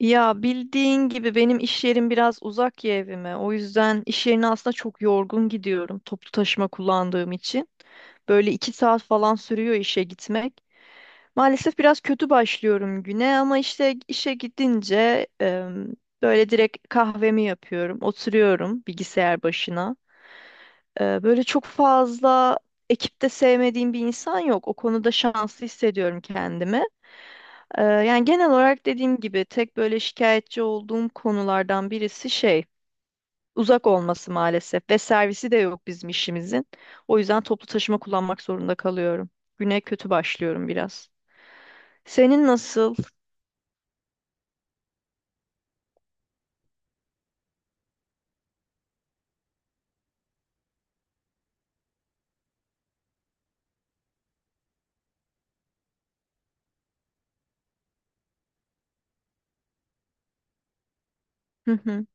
Ya bildiğin gibi benim iş yerim biraz uzak ya evime. O yüzden iş yerine aslında çok yorgun gidiyorum toplu taşıma kullandığım için. Böyle iki saat falan sürüyor işe gitmek. Maalesef biraz kötü başlıyorum güne ama işte işe gidince böyle direkt kahvemi yapıyorum. Oturuyorum bilgisayar başına. Böyle çok fazla ekipte sevmediğim bir insan yok. O konuda şanslı hissediyorum kendimi. Yani genel olarak dediğim gibi tek böyle şikayetçi olduğum konulardan birisi şey uzak olması maalesef ve servisi de yok bizim işimizin. O yüzden toplu taşıma kullanmak zorunda kalıyorum. Güne kötü başlıyorum biraz. Senin nasıl? Hı hı.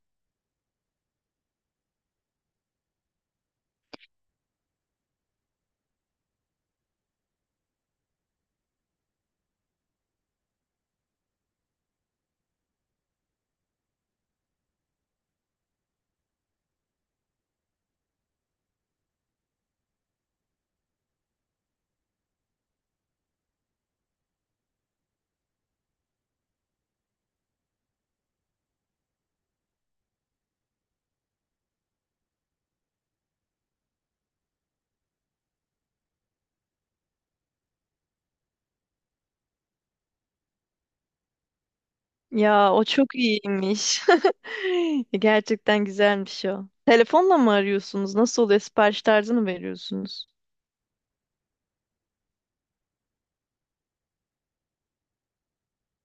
Ya o çok iyiymiş. Gerçekten güzelmiş o. Telefonla mı arıyorsunuz? Nasıl oluyor? Sipariş tarzı mı veriyorsunuz?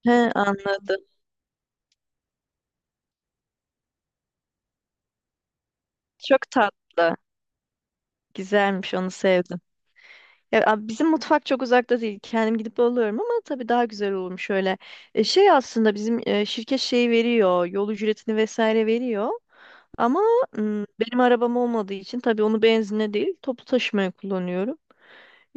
He anladım. Çok tatlı. Güzelmiş onu sevdim. Ya, bizim mutfak çok uzakta değil. Kendim gidip alıyorum ama tabii daha güzel olmuş şöyle. Şey aslında bizim şirket şey veriyor. Yol ücretini vesaire veriyor. Ama benim arabam olmadığı için tabii onu benzinle değil toplu taşımaya kullanıyorum.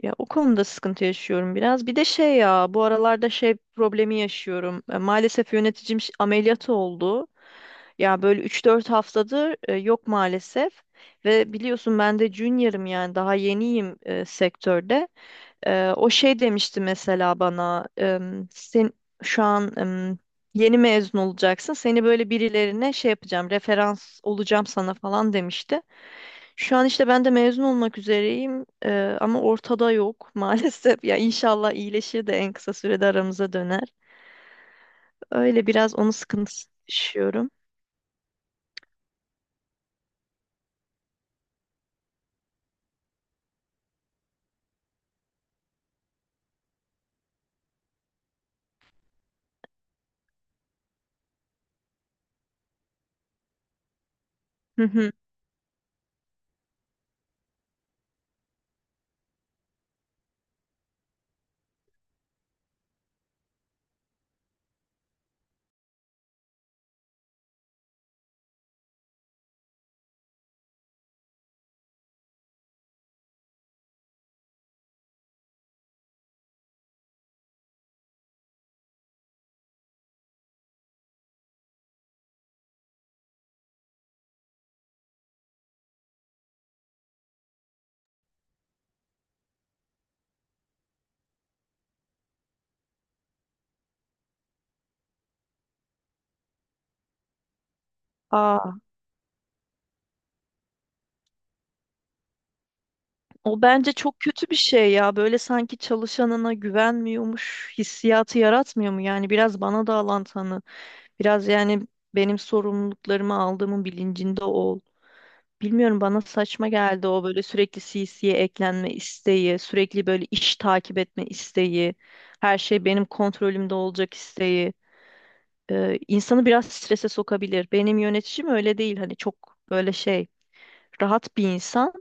Ya o konuda sıkıntı yaşıyorum biraz. Bir de şey ya bu aralarda şey problemi yaşıyorum. Maalesef yöneticim ameliyat oldu. Ya böyle 3-4 haftadır yok maalesef. Ve biliyorsun ben de junior'ım yani daha yeniyim sektörde. O şey demişti mesela bana, sen şu an yeni mezun olacaksın, seni böyle birilerine şey yapacağım, referans olacağım sana falan demişti. Şu an işte ben de mezun olmak üzereyim ama ortada yok maalesef. Ya inşallah iyileşir de en kısa sürede aramıza döner. Öyle biraz onun sıkıntısı yaşıyorum. Hı hı. Aa, o bence çok kötü bir şey ya. Böyle sanki çalışanına güvenmiyormuş hissiyatı yaratmıyor mu? Yani biraz bana da alan tanı. Biraz yani benim sorumluluklarımı aldığımın bilincinde ol. Bilmiyorum bana saçma geldi o böyle sürekli CC'ye eklenme isteği, sürekli böyle iş takip etme isteği, her şey benim kontrolümde olacak isteği. İnsanı biraz strese sokabilir. Benim yöneticim öyle değil hani çok böyle şey rahat bir insan.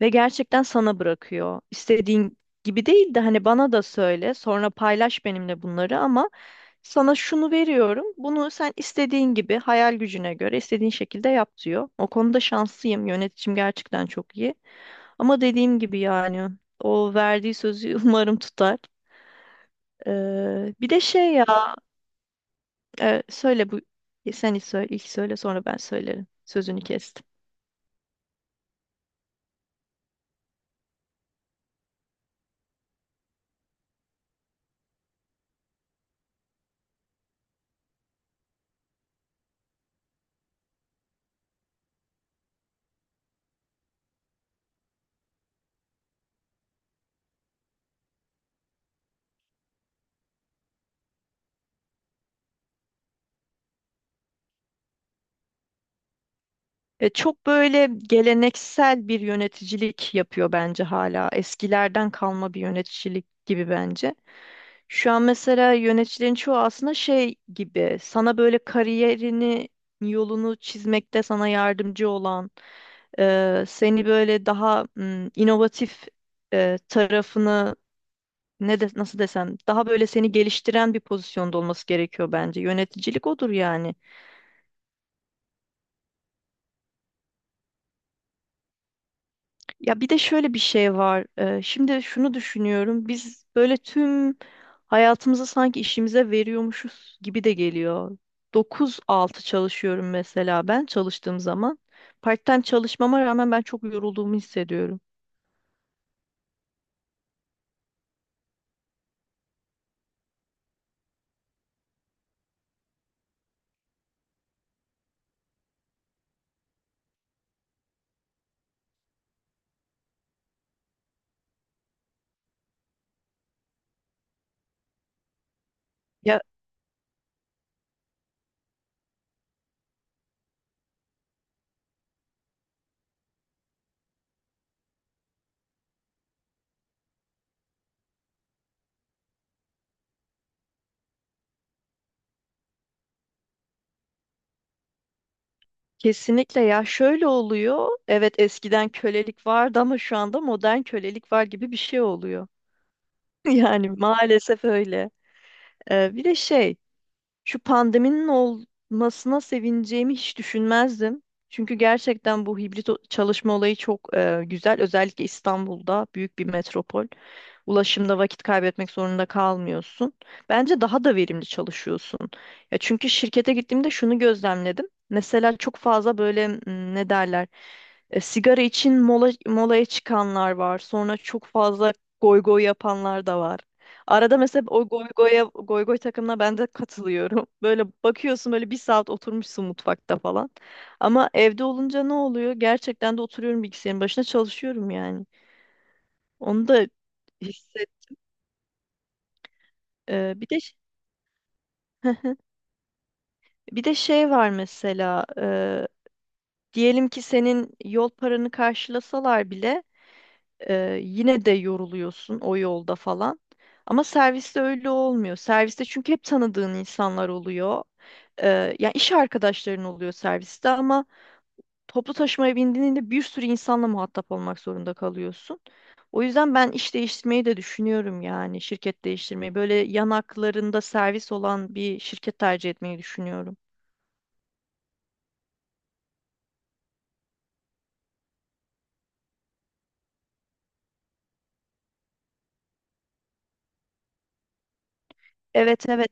Ve gerçekten sana bırakıyor. İstediğin gibi değil de hani bana da söyle, sonra paylaş benimle bunları ama sana şunu veriyorum. Bunu sen istediğin gibi hayal gücüne göre istediğin şekilde yap diyor. O konuda şanslıyım. Yöneticim gerçekten çok iyi. Ama dediğim gibi yani o verdiği sözü umarım tutar. Bir de şey ya söyle bu ilk söyle sonra ben söylerim. Sözünü kestim. Çok böyle geleneksel bir yöneticilik yapıyor bence hala. Eskilerden kalma bir yöneticilik gibi bence. Şu an mesela yöneticilerin çoğu aslında şey gibi sana böyle kariyerini yolunu çizmekte sana yardımcı olan seni böyle daha inovatif tarafını nasıl desem daha böyle seni geliştiren bir pozisyonda olması gerekiyor bence. Yöneticilik odur yani. Ya bir de şöyle bir şey var. Şimdi şunu düşünüyorum. Biz böyle tüm hayatımızı sanki işimize veriyormuşuz gibi de geliyor. 9-6 çalışıyorum mesela ben çalıştığım zaman. Part-time çalışmama rağmen ben çok yorulduğumu hissediyorum. Ya kesinlikle ya şöyle oluyor. Evet eskiden kölelik vardı ama şu anda modern kölelik var gibi bir şey oluyor. Yani maalesef öyle. Bir de şey Şu pandeminin olmasına sevineceğimi hiç düşünmezdim. Çünkü gerçekten bu hibrit çalışma olayı çok güzel. Özellikle İstanbul'da büyük bir metropol. Ulaşımda vakit kaybetmek zorunda kalmıyorsun. Bence daha da verimli çalışıyorsun. Ya çünkü şirkete gittiğimde şunu gözlemledim. Mesela çok fazla böyle ne derler? Sigara için mola, molaya çıkanlar var. Sonra çok fazla goy goy yapanlar da var. Arada mesela o goy goya, goy goy takımına ben de katılıyorum. Böyle bakıyorsun böyle bir saat oturmuşsun mutfakta falan. Ama evde olunca ne oluyor? Gerçekten de oturuyorum bilgisayarın başına çalışıyorum yani. Onu da hisset. Bir de Bir de şey var mesela. Diyelim ki senin yol paranı karşılasalar bile yine de yoruluyorsun o yolda falan. Ama serviste öyle olmuyor. Serviste çünkü hep tanıdığın insanlar oluyor. Yani iş arkadaşların oluyor serviste ama toplu taşımaya bindiğinde bir sürü insanla muhatap olmak zorunda kalıyorsun. O yüzden ben iş değiştirmeyi de düşünüyorum yani şirket değiştirmeyi. Böyle yanaklarında servis olan bir şirket tercih etmeyi düşünüyorum. Evet evet.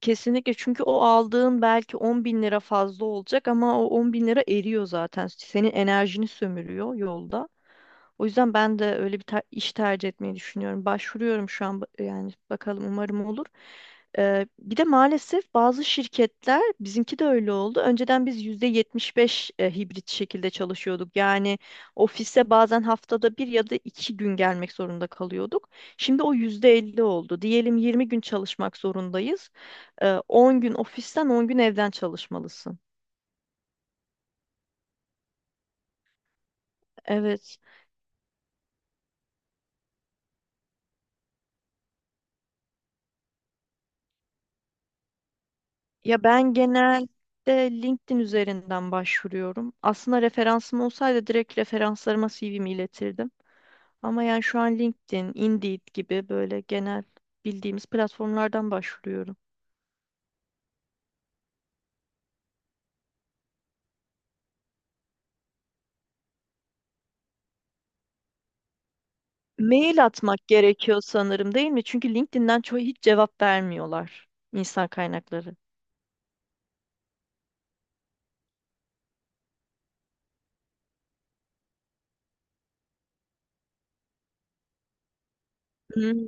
Kesinlikle çünkü o aldığın belki 10 bin lira fazla olacak ama o 10 bin lira eriyor zaten. Senin enerjini sömürüyor yolda. O yüzden ben de öyle bir iş tercih etmeyi düşünüyorum. Başvuruyorum şu an yani bakalım umarım olur. Bir de maalesef bazı şirketler bizimki de öyle oldu. Önceden biz %75 hibrit şekilde çalışıyorduk. Yani ofise bazen haftada bir ya da iki gün gelmek zorunda kalıyorduk. Şimdi o %50 oldu. Diyelim 20 gün çalışmak zorundayız. 10 gün ofisten 10 gün evden çalışmalısın. Evet. Ya ben genelde LinkedIn üzerinden başvuruyorum. Aslında referansım olsaydı direkt referanslarıma CV'mi iletirdim. Ama yani şu an LinkedIn, Indeed gibi böyle genel bildiğimiz platformlardan başvuruyorum. Mail atmak gerekiyor sanırım değil mi? Çünkü LinkedIn'den çoğu hiç cevap vermiyorlar insan kaynakları. Hmm,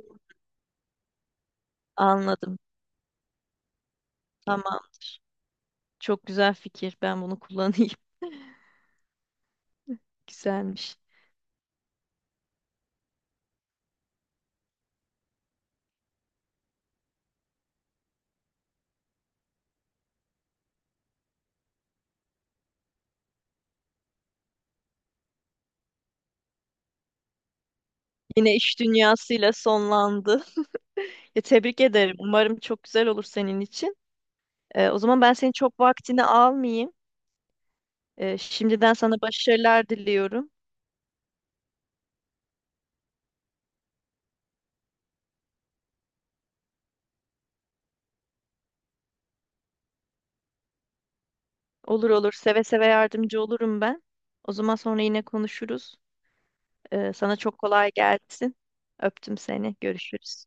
anladım. Tamamdır. Çok güzel fikir. Ben bunu kullanayım. Güzelmiş. Yine iş dünyasıyla sonlandı. Ya, tebrik ederim. Umarım çok güzel olur senin için. O zaman ben senin çok vaktini almayayım. Şimdiden sana başarılar diliyorum. Olur olur. Seve seve yardımcı olurum ben. O zaman sonra yine konuşuruz. Sana çok kolay gelsin. Öptüm seni. Görüşürüz.